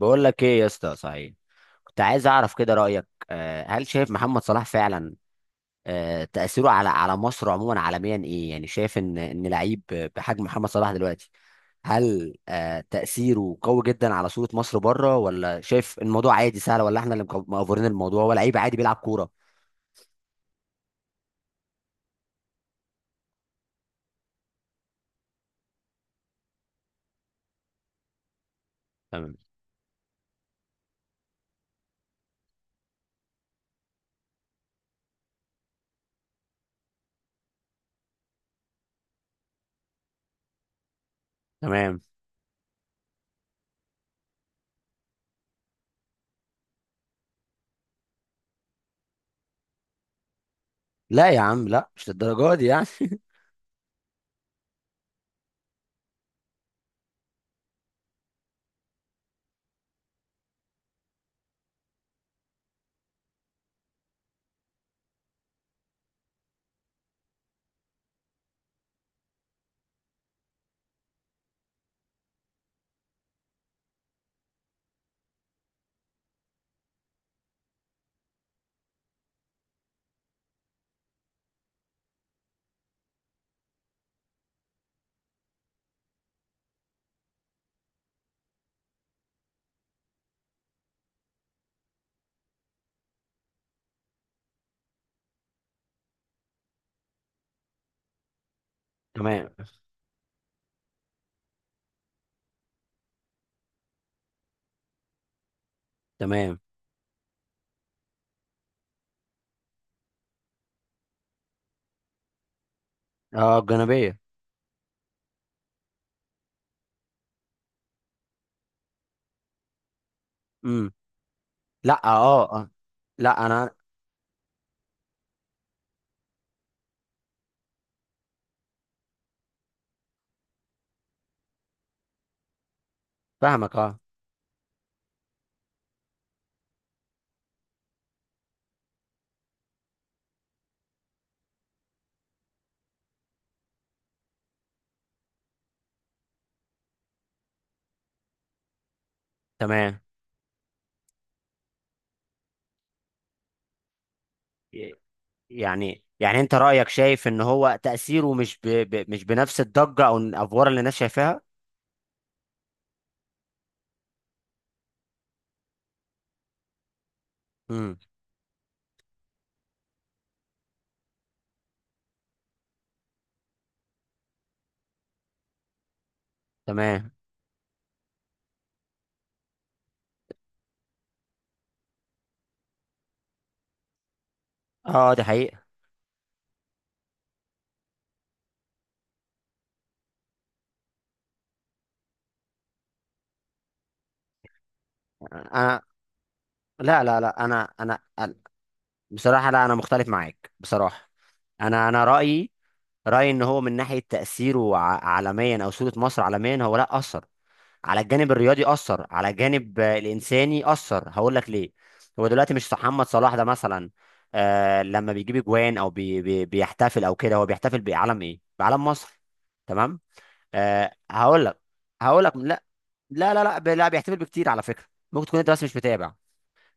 بقول لك ايه يا اسطى صحيح، كنت عايز اعرف كده رايك. هل شايف محمد صلاح فعلا تاثيره على مصر عموما عالميا ايه؟ يعني شايف ان لعيب بحجم محمد صلاح دلوقتي هل تاثيره قوي جدا على صوره مصر بره، ولا شايف الموضوع عادي سهل، ولا احنا اللي مأفورين الموضوع، هو لعيب عادي بيلعب كوره؟ تمام. تمام. لا يا عم، لا، مش للدرجه دي يعني. تمام. تمام. اه الجانبيه. امم لا اه. اه لا انا. فاهمك اه. تمام. يعني يعني انت رأيك شايف ان هو تأثيره مش مش بنفس الضجة او الافوار اللي الناس شايفاها. امم. تمام. اه دي حقيقة. انا. لا لا لا، انا بصراحة، لا انا مختلف معاك بصراحة. انا رأيي، رأيي ان هو من ناحية تأثيره عالميا او صورة مصر عالميا، هو لا أثر على الجانب الرياضي، اثر على الجانب الانساني، اثر. هقول لك ليه. هو دلوقتي مش محمد صلاح ده مثلا آه لما بيجيب اجوان او بي بي بيحتفل او كده، هو بيحتفل بعلم ايه؟ بعلم مصر. تمام. آه هقول لك، هقول لك لا. بيحتفل بكتير على فكره، ممكن تكون انت بس مش متابع.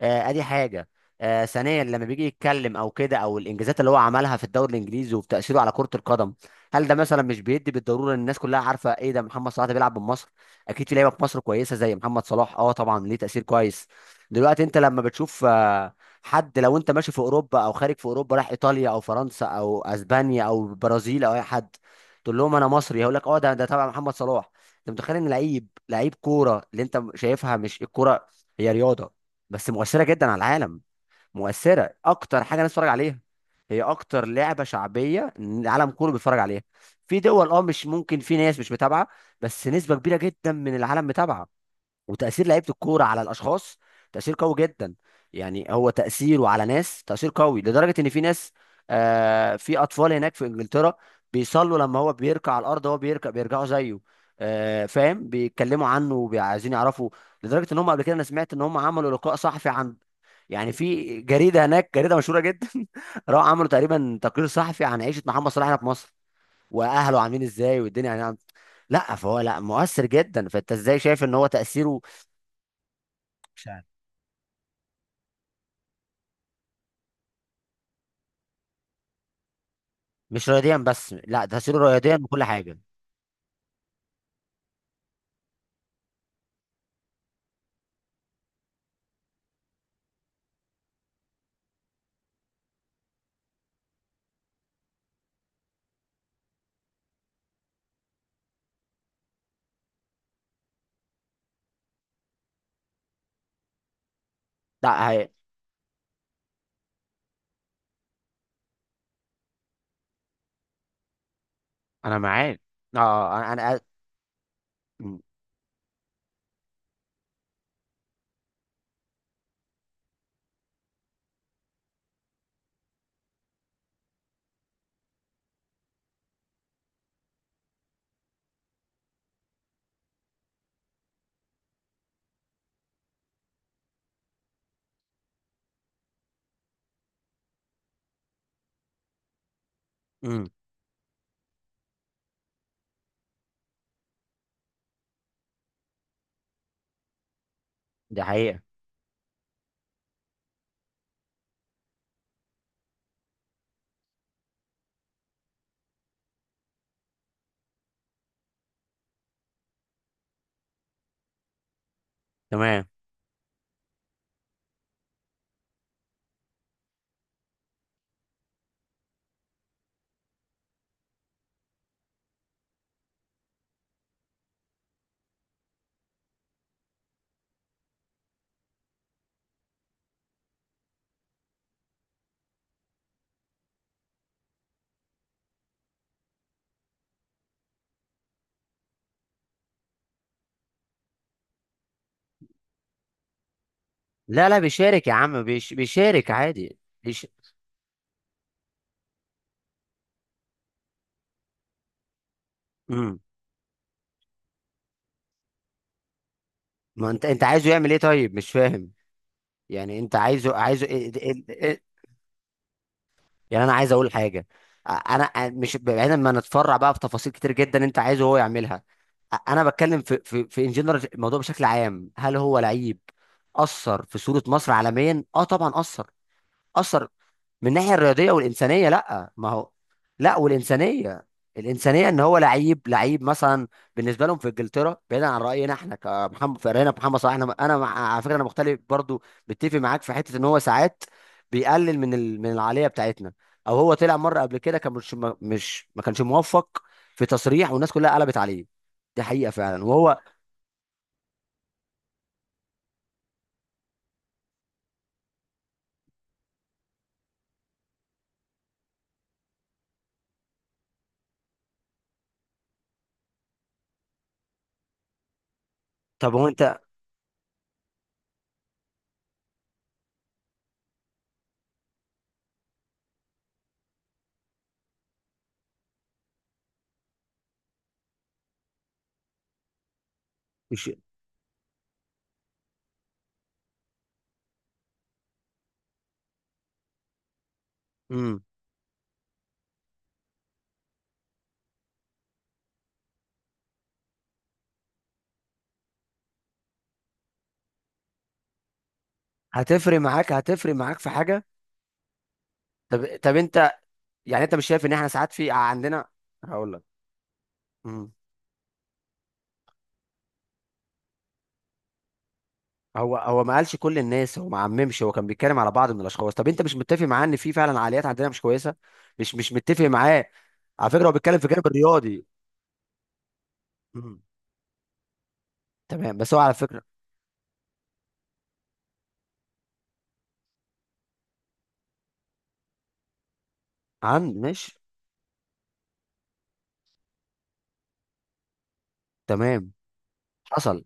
ادي حاجه. ثانيا، لما بيجي يتكلم او كده، او الانجازات اللي هو عملها في الدوري الانجليزي وتاثيره على كره القدم، هل ده مثلا مش بيدي بالضروره ان الناس كلها عارفه ايه ده؟ محمد صلاح ده بيلعب بمصر، اكيد في لعيبه في مصر كويسه زي محمد صلاح اه طبعا ليه تاثير كويس. دلوقتي انت لما بتشوف حد، لو انت ماشي في اوروبا او خارج في اوروبا، راح ايطاليا او فرنسا او اسبانيا او البرازيل او اي حد تقول لهم انا مصري، هيقول لك اه ده تبع محمد صلاح. انت متخيل ان لعيب، لعيب كوره اللي انت شايفها مش الكوره، هي رياضه بس مؤثره جدا على العالم. مؤثره، اكتر حاجه الناس بتتفرج عليها، هي اكتر لعبه شعبيه العالم كله بيتفرج عليها. في دول اه مش ممكن، في ناس مش متابعه، بس نسبه كبيره جدا من العالم متابعه. وتاثير لعيبه الكوره على الاشخاص تاثير قوي جدا. يعني هو تاثيره على ناس تاثير قوي لدرجه ان في ناس آه، في اطفال هناك في انجلترا بيصلوا لما هو بيركع على الارض، هو بيركع بيرجعوا زيه. آه فاهم، بيتكلموا عنه وعايزين يعرفوا، لدرجه ان هم قبل كده انا سمعت ان هم عملوا لقاء صحفي عن، يعني في جريده هناك جريده مشهوره جدا راحوا عملوا تقريبا تقرير صحفي عن عيشه محمد صلاح هنا في مصر، واهله عاملين ازاي والدنيا يعني لا فهو لا مؤثر جدا، فانت ازاي شايف ان هو تاثيره؟ مش عارف. مش رياضيا بس، لا تاثيره رياضيا بكل حاجه. لا هي... انا معاك. اه انا امم دي حقيقة. تمام. لا لا، بيشارك يا عم، بيشارك عادي. بيش... امم. ما انت، انت عايزه يعمل ايه طيب؟ مش فاهم. يعني انت عايزه، عايزه يعني انا عايز اقول حاجه. مش بعيدا ما نتفرع بقى في تفاصيل كتير جدا انت عايزه هو يعملها. انا بتكلم في ان جنرال الموضوع بشكل عام، هل هو لعيب اثر في صوره مصر عالميا؟ اه طبعا اثر. اثر من الناحيه الرياضيه والانسانيه. لا ما هو، لا والانسانيه. الانسانيه ان هو لعيب، لعيب مثلا بالنسبه لهم في انجلترا. بعيدا عن راينا احنا كمحمد فرقنا محمد صلاح، انا على فكره انا مختلف برضو، متفق معاك في حته ان هو ساعات بيقلل من من العاليه بتاعتنا، او هو طلع مره قبل كده كان مش ما- مش ما كانش موفق في تصريح والناس كلها قلبت عليه، دي حقيقه فعلا. وهو طب هو انت مش امم. هتفرق معاك، هتفرق معاك في حاجه؟ طب طب انت يعني انت مش شايف ان احنا ساعات في عندنا؟ هقول لك مم. هو هو ما قالش كل الناس، هو ما عممش، هو كان بيتكلم على بعض من الاشخاص. طب انت مش متفق معاه ان في فعلا عقليات عندنا مش كويسه؟ مش مش متفق معاه. على فكره هو بيتكلم في جانب الرياضي. مم. تمام، بس هو على فكره. عند مش. تمام. حصل.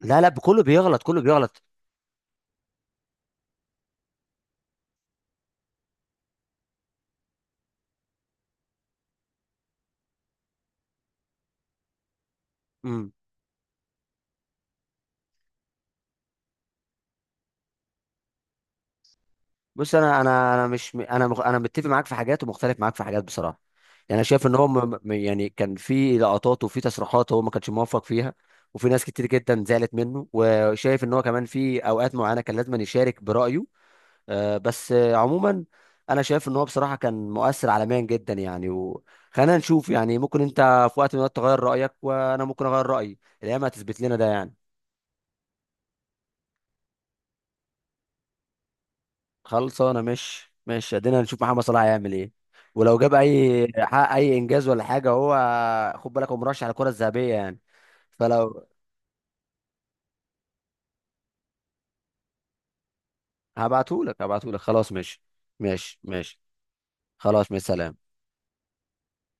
لا لا، كله بيغلط، كله بيغلط. مم. بص، انا انا انا مش انا مغ- انا متفق معاك في حاجات ومختلف معاك في حاجات بصراحه. يعني انا شايف ان هو يعني كان في لقطات وفي تصريحات هو ما كانش موفق فيها، وفي ناس كتير جدا زعلت منه، وشايف ان هو كمان في اوقات معينه كان لازم يشارك برايه. آه، بس آه، عموما انا شايف ان هو بصراحه كان مؤثر عالميا جدا يعني، وخلينا نشوف، يعني ممكن انت في وقت من الوقت تغير رايك، وانا ممكن اغير رايي، الايام هتثبت لنا ده يعني. خلصانه، مش مش ادينا نشوف محمد صلاح هيعمل ايه، ولو جاب اي، حقق اي انجاز ولا حاجه. هو خد بالك هو مرشح على الكره الذهبيه يعني. فلو هبعتهولك، هبعتهولك خلاص. ماشي، ماشي، ماشي. خلاص مع السلامة.